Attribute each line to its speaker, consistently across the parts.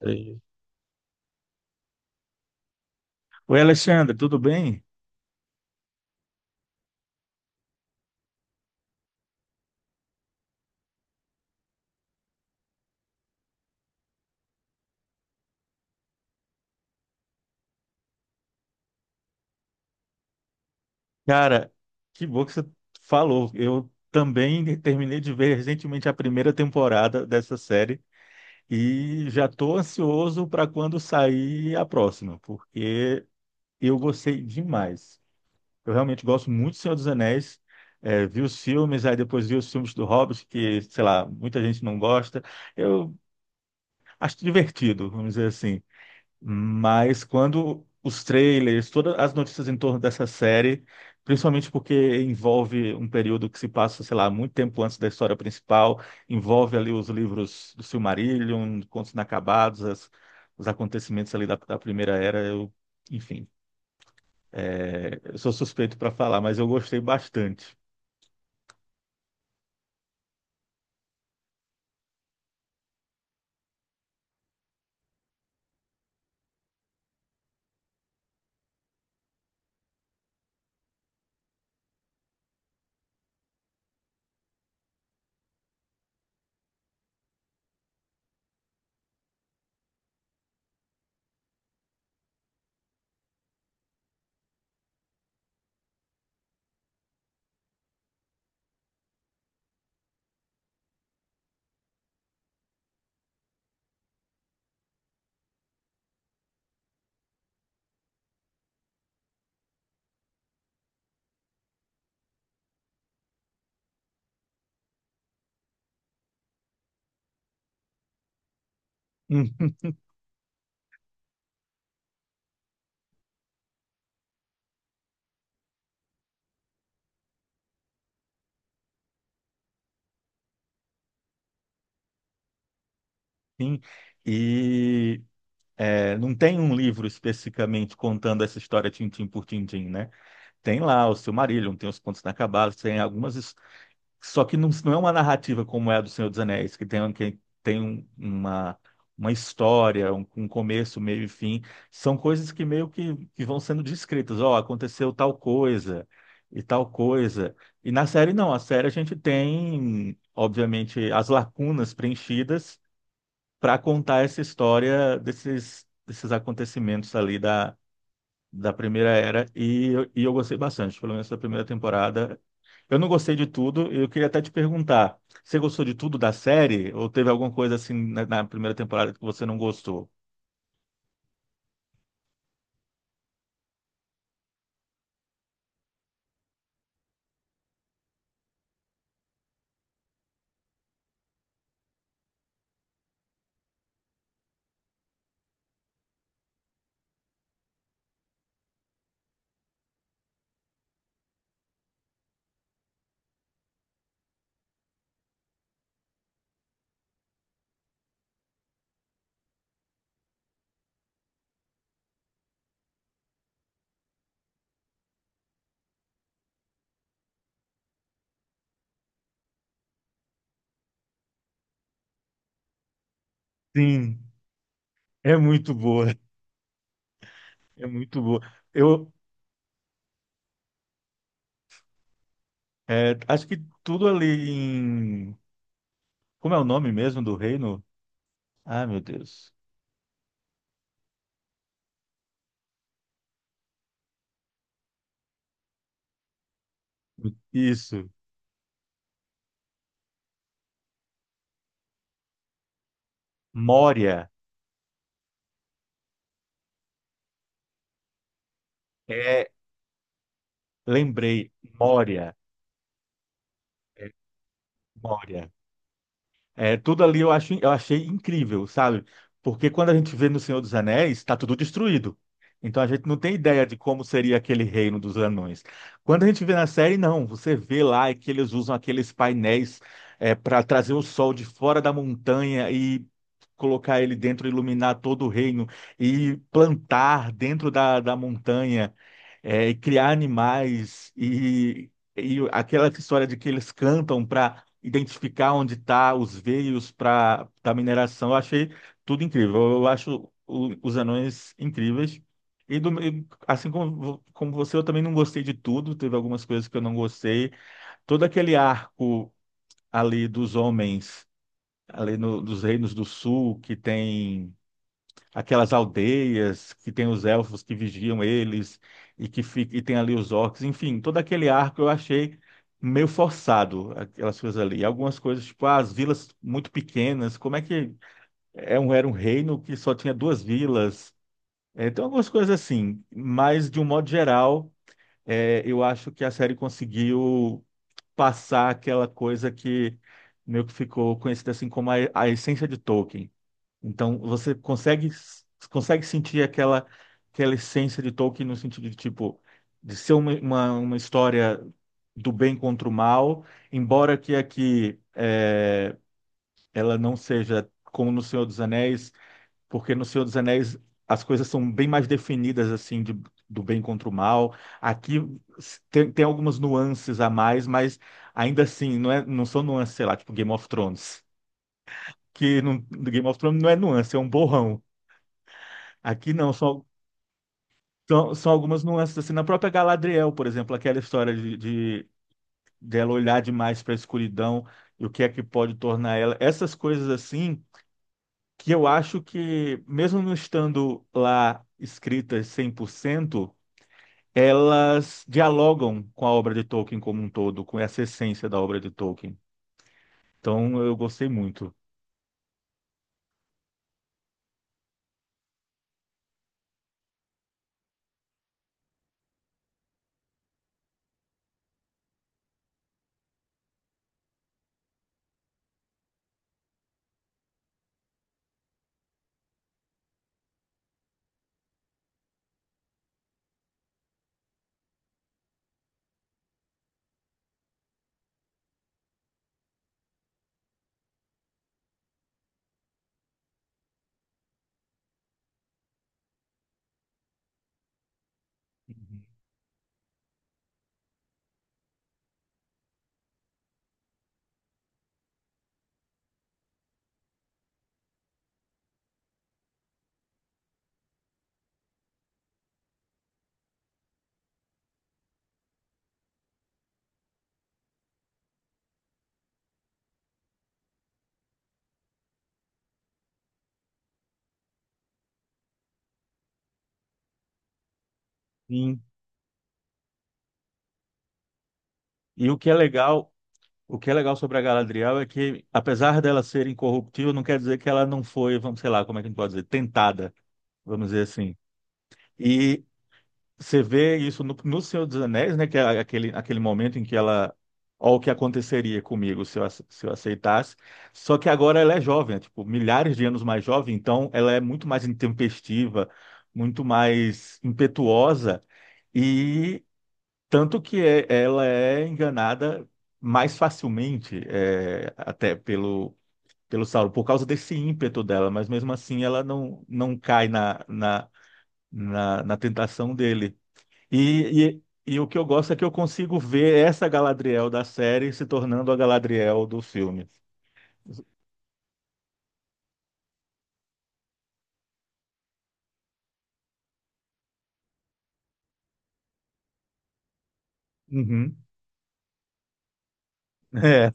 Speaker 1: Entendi. Oi, Alexandre, tudo bem? Cara, que bom que você falou. Eu também terminei de ver recentemente a primeira temporada dessa série e já estou ansioso para quando sair a próxima, porque eu gostei demais. Eu realmente gosto muito do Senhor dos Anéis. É, vi os filmes, aí depois vi os filmes do Hobbit, que, sei lá, muita gente não gosta. Eu acho divertido, vamos dizer assim. Mas quando os trailers, todas as notícias em torno dessa série, principalmente porque envolve um período que se passa, sei lá, muito tempo antes da história principal, envolve ali os livros do Silmarillion, Contos Inacabados, os acontecimentos ali da Primeira Era, eu, enfim, é, eu sou suspeito para falar, mas eu gostei bastante. Enfim, e é, não tem um livro especificamente contando essa história tintim por tintim, né? Tem lá o Silmarillion, tem os Contos Inacabados, tem algumas. Só que não é uma narrativa como é a do Senhor dos Anéis, que tem, um, uma história, um começo, meio e fim. São coisas que meio que vão sendo descritas. Ó, aconteceu tal coisa. E na série, não. A série a gente tem, obviamente, as lacunas preenchidas para contar essa história desses acontecimentos ali da primeira era e, eu gostei bastante, pelo menos da primeira temporada. Eu não gostei de tudo, eu queria até te perguntar, você gostou de tudo da série ou teve alguma coisa assim na primeira temporada que você não gostou? Sim, é muito boa, é muito boa. Eu é, acho que tudo ali em... Como é o nome mesmo do reino? Ah, meu Deus. Isso, Moria. É, lembrei, Moria. É, Moria. É, tudo ali eu acho, eu achei incrível, sabe? Porque quando a gente vê no Senhor dos Anéis, está tudo destruído. Então a gente não tem ideia de como seria aquele reino dos anões. Quando a gente vê na série, não. Você vê lá é que eles usam aqueles painéis para trazer o sol de fora da montanha e colocar ele dentro, iluminar todo o reino e plantar dentro da montanha, é, e criar animais e aquela história de que eles cantam para identificar onde está os veios para da mineração. Eu achei tudo incrível. Eu acho os anões incríveis. Assim como, como você, eu também não gostei de tudo. Teve algumas coisas que eu não gostei. Todo aquele arco ali dos homens, ali no, dos reinos do sul, que tem aquelas aldeias que tem os elfos que vigiam eles e que fica, e tem ali os orcs, enfim, todo aquele arco eu achei meio forçado aquelas coisas ali. Algumas coisas tipo ah, as vilas muito pequenas, como é que é um, era um reino que só tinha duas vilas? É, tem algumas coisas assim, mas de um modo geral, é, eu acho que a série conseguiu passar aquela coisa que meio que ficou conhecida assim como a essência de Tolkien então você consegue consegue sentir aquela aquela essência de Tolkien no sentido de tipo de ser uma história do bem contra o mal, embora que aqui é, ela não seja como no Senhor dos Anéis, porque no Senhor dos Anéis as coisas são bem mais definidas assim de, do bem contra o mal. Aqui tem, tem algumas nuances a mais, mas ainda assim não é não são nuances, sei lá, tipo Game of Thrones. Que no Game of Thrones não é nuance, é um borrão. Aqui não, são, são, são algumas nuances. Assim, na própria Galadriel, por exemplo, aquela história de dela olhar demais para a escuridão e o que é que pode tornar ela. Essas coisas assim, que eu acho que, mesmo não estando lá escritas 100%, elas dialogam com a obra de Tolkien como um todo, com essa essência da obra de Tolkien. Então, eu gostei muito. Uhum. Sim. E o que é legal, O que é legal sobre a Galadriel é que, apesar dela ser incorruptível, não quer dizer que ela não foi, vamos, sei lá, como é que a gente pode dizer, tentada, vamos dizer assim. E você vê isso no, no Senhor dos Anéis, né, que é aquele, aquele momento em que ela, ó, o que aconteceria comigo se eu, se eu aceitasse. Só que agora ela é jovem, é, tipo, milhares de anos mais jovem, então ela é muito mais intempestiva, muito mais impetuosa. Tanto que ela é enganada mais facilmente, é, até pelo, pelo Sauron, por causa desse ímpeto dela, mas mesmo assim ela não cai na, na, na tentação dele. E, e o que eu gosto é que eu consigo ver essa Galadriel da série se tornando a Galadriel do filme. Uhum. É,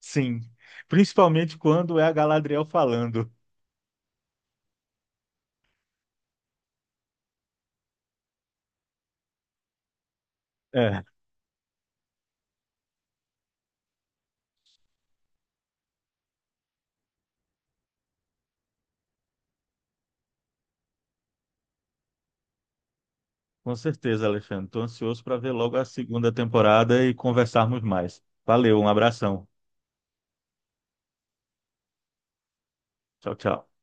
Speaker 1: sim. Principalmente quando é a Galadriel falando. É. Com certeza, Alexandre. Estou ansioso para ver logo a segunda temporada e conversarmos mais. Valeu, um abração. Tchau, tchau.